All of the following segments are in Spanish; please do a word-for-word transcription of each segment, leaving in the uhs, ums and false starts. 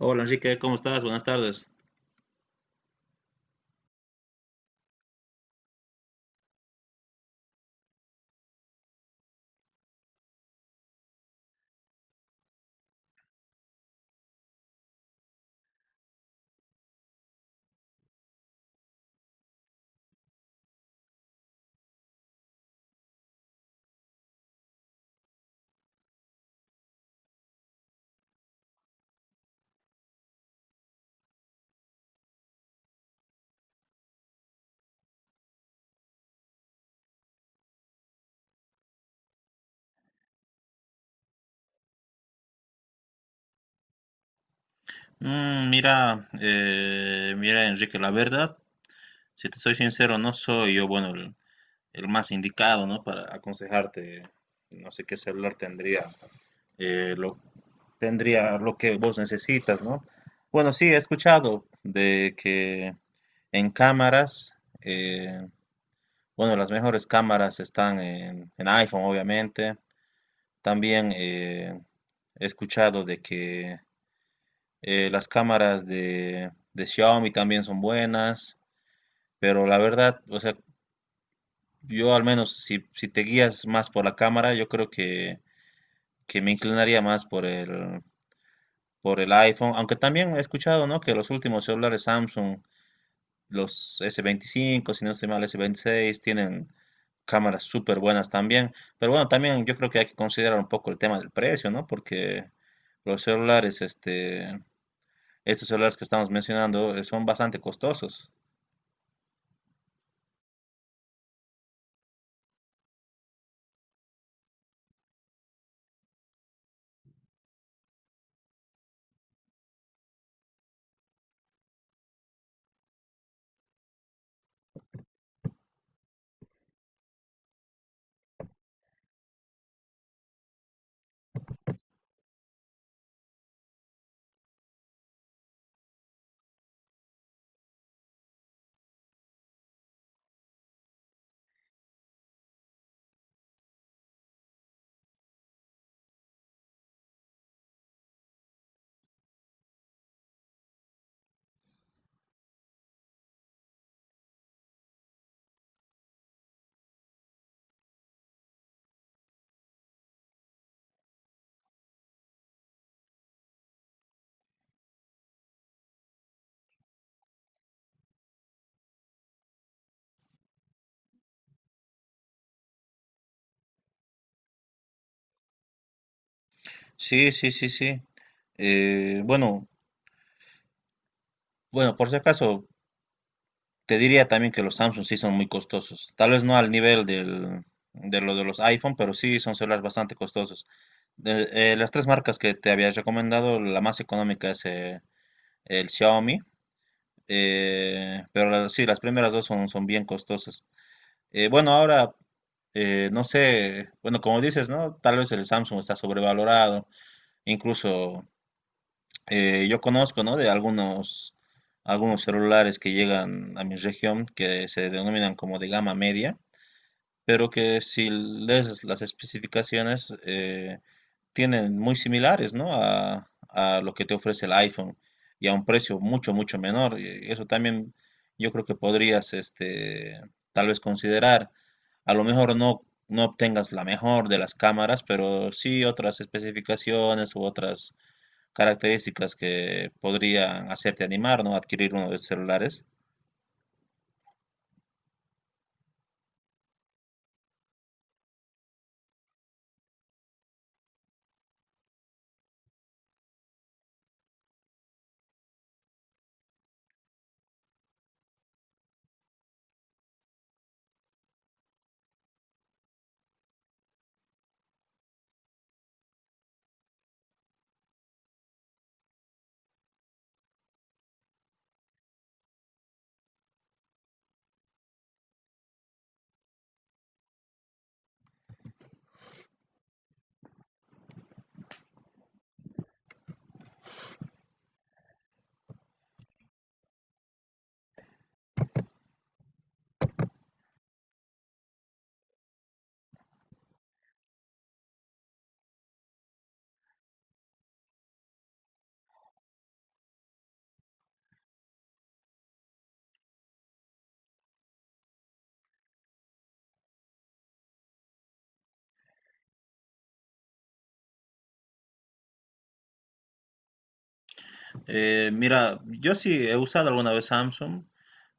Hola Enrique, ¿cómo estás? Buenas tardes. Mm, mira, eh, mira, Enrique, la verdad, si te soy sincero, no soy yo, bueno, el, el más indicado, ¿no? Para aconsejarte, no sé qué celular tendría, eh, lo, tendría lo que vos necesitas, ¿no? Bueno, sí, he escuchado de que en cámaras, eh, bueno, las mejores cámaras están en, en iPhone, obviamente. También eh, he escuchado de que Eh, las cámaras de, de Xiaomi también son buenas, pero la verdad, o sea, yo al menos si, si te guías más por la cámara, yo creo que, que me inclinaría más por el, por el iPhone, aunque también he escuchado, ¿no?, que los últimos celulares Samsung, los s veinticinco, si no estoy mal, s veintiséis, tienen cámaras súper buenas también, pero bueno, también yo creo que hay que considerar un poco el tema del precio, ¿no?, porque los celulares, este, estos celulares que estamos mencionando, eh, son bastante costosos. Sí, sí, sí, sí. Eh, bueno, bueno, por si acaso, te diría también que los Samsung sí son muy costosos. Tal vez no al nivel del, de lo de los iPhone, pero sí son celulares bastante costosos. De- eh, las tres marcas que te había recomendado, la más económica es eh, el Xiaomi, eh, pero las- sí, las primeras dos son, son bien costosas. Eh, bueno, ahora, eh, no sé, bueno, como dices, ¿no? Tal vez el Samsung está sobrevalorado, incluso Eh, yo conozco, ¿no?, de algunos, algunos celulares que llegan a mi región que se denominan como de gama media, pero que si lees las especificaciones eh, tienen muy similares, ¿no?, A, a lo que te ofrece el iPhone y a un precio mucho, mucho menor. Y eso también yo creo que podrías, este, tal vez considerar. A lo mejor no, no obtengas la mejor de las cámaras, pero sí otras especificaciones u otras características que podrían hacerte animar, ¿no?, adquirir uno de estos celulares. Eh, mira, yo sí he usado alguna vez Samsung,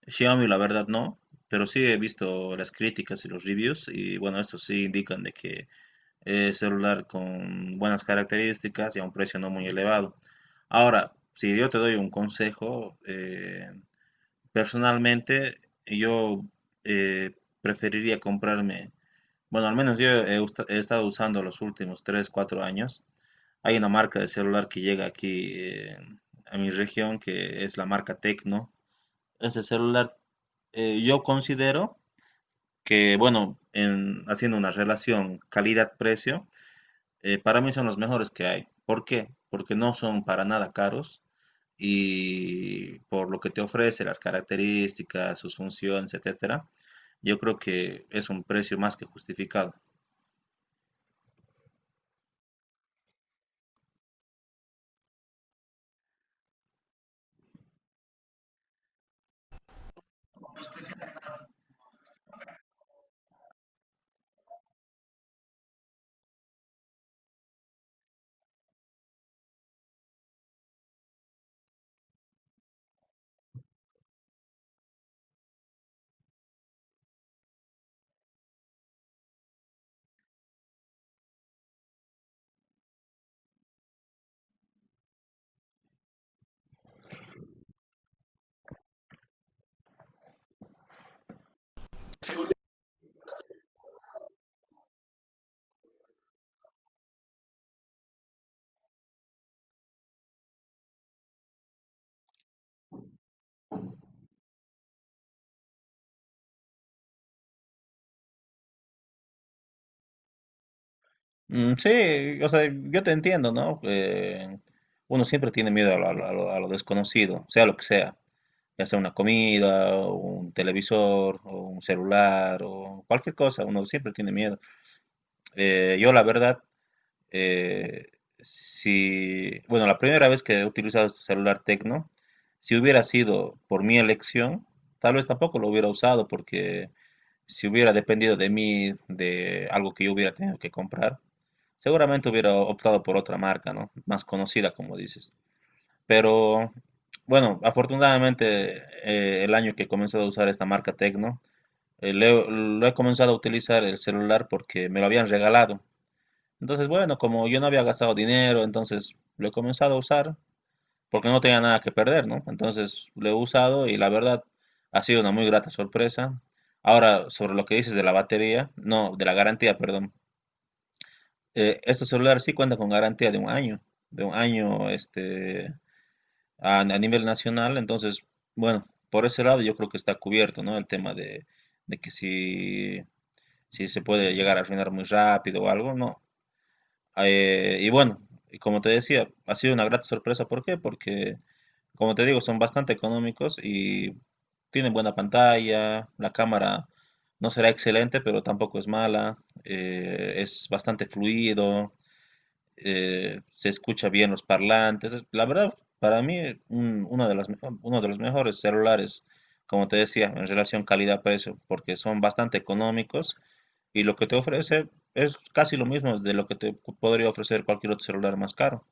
Xiaomi la verdad no, pero sí he visto las críticas y los reviews y bueno, estos sí indican de que es celular con buenas características y a un precio no muy elevado. Ahora, si yo te doy un consejo, eh, personalmente yo eh, preferiría comprarme, bueno, al menos yo he, he estado usando los últimos tres cuatro años. Hay una marca de celular que llega aquí eh, a mi región, que es la marca Tecno. Ese celular eh, yo considero que, bueno, en, haciendo una relación calidad-precio, eh, para mí son los mejores que hay. ¿Por qué? Porque no son para nada caros y por lo que te ofrece, las características, sus funciones, etcétera, yo creo que es un precio más que justificado. Mm. Sí, o sea, yo te entiendo, ¿no? Eh, uno siempre tiene miedo a lo, a lo- a lo- a lo desconocido, sea lo que sea, ya sea una comida, o un televisor, o un celular, o cualquier cosa, uno siempre tiene miedo. Eh, yo la verdad, eh, si, bueno, la primera vez que he utilizado este celular Tecno, si hubiera sido por mi elección, tal vez tampoco lo hubiera usado, porque si hubiera dependido de mí, de algo que yo hubiera tenido que comprar, seguramente hubiera optado por otra marca, ¿no?, más conocida, como dices. Pero bueno, afortunadamente eh, el año que he comenzado a usar esta marca Tecno, eh, le- lo he comenzado a utilizar el celular porque me lo habían regalado. Entonces, bueno, como yo no había gastado dinero, entonces lo he comenzado a usar porque no tenía nada que perder, ¿no? Entonces lo he usado y la verdad ha sido una muy grata sorpresa. Ahora, sobre lo que dices de la batería, no, de la garantía, perdón, eh, este celular sí cuenta con garantía de un año, de un año este, a, a nivel nacional. Entonces, bueno, por ese lado yo creo que está cubierto, ¿no?, el tema de, de que si, si se puede llegar a arruinar muy rápido o algo, no. Eh, y bueno, y como te decía, ha sido una grata sorpresa. ¿Por qué? Porque, como te digo, son bastante económicos y tienen buena pantalla, la cámara no será excelente, pero tampoco es mala, eh, es bastante fluido, eh, se escucha bien los parlantes. Es- La verdad, para mí, un- uno de las, mejo- uno de los mejores celulares, como te decía, en relación calidad-precio, porque son bastante económicos y lo que te ofrece es casi lo mismo de lo que te podría ofrecer cualquier otro celular más caro.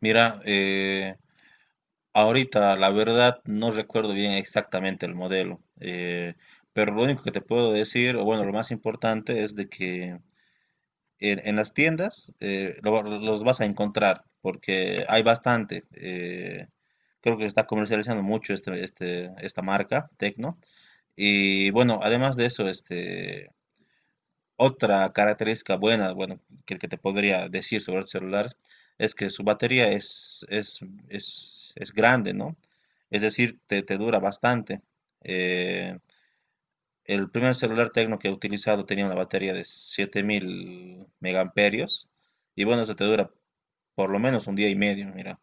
Mira, eh, ahorita la verdad no recuerdo bien exactamente el modelo, eh, pero lo único que te puedo decir, o bueno, lo más importante es de que en, en las tiendas eh, lo- los vas a encontrar porque hay bastante. Eh, creo que se está comercializando mucho este, este, esta marca, Tecno. Y bueno, además de eso, este, otra característica buena, bueno, que, que te podría decir sobre el celular es que su batería es, es, es, es grande, ¿no? Es decir, te, te dura bastante. Eh, el primer celular Tecno que he utilizado tenía una batería de siete mil megamperios y bueno, eso te dura por lo menos un día y medio, mira.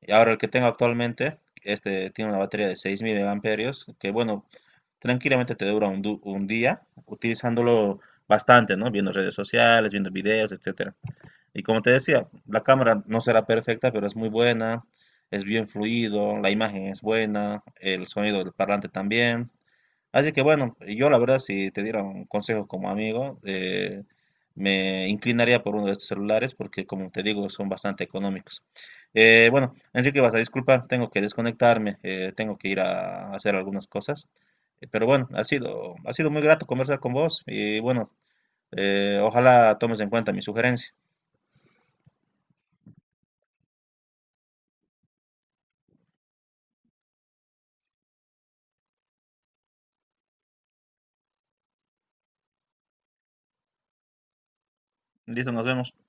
Y ahora el que tengo actualmente, este tiene una batería de seis mil megamperios que, bueno, tranquilamente te dura un, du- un día utilizándolo bastante, ¿no?, viendo redes sociales, viendo videos, etcétera. Y como te decía, la cámara no será perfecta, pero es muy buena, es bien fluido, la imagen es buena, el sonido del parlante también. Así que bueno, yo la verdad, si te diera un consejo como amigo, eh, me inclinaría por uno de estos celulares porque, como te digo, son bastante económicos. Eh, bueno, Enrique, vas a disculpar, tengo que desconectarme, eh, tengo que ir a hacer algunas cosas. Eh, Pero bueno, ha sido, ha sido muy grato conversar con vos y bueno, eh, ojalá tomes en cuenta mi sugerencia. Listo, nos vemos.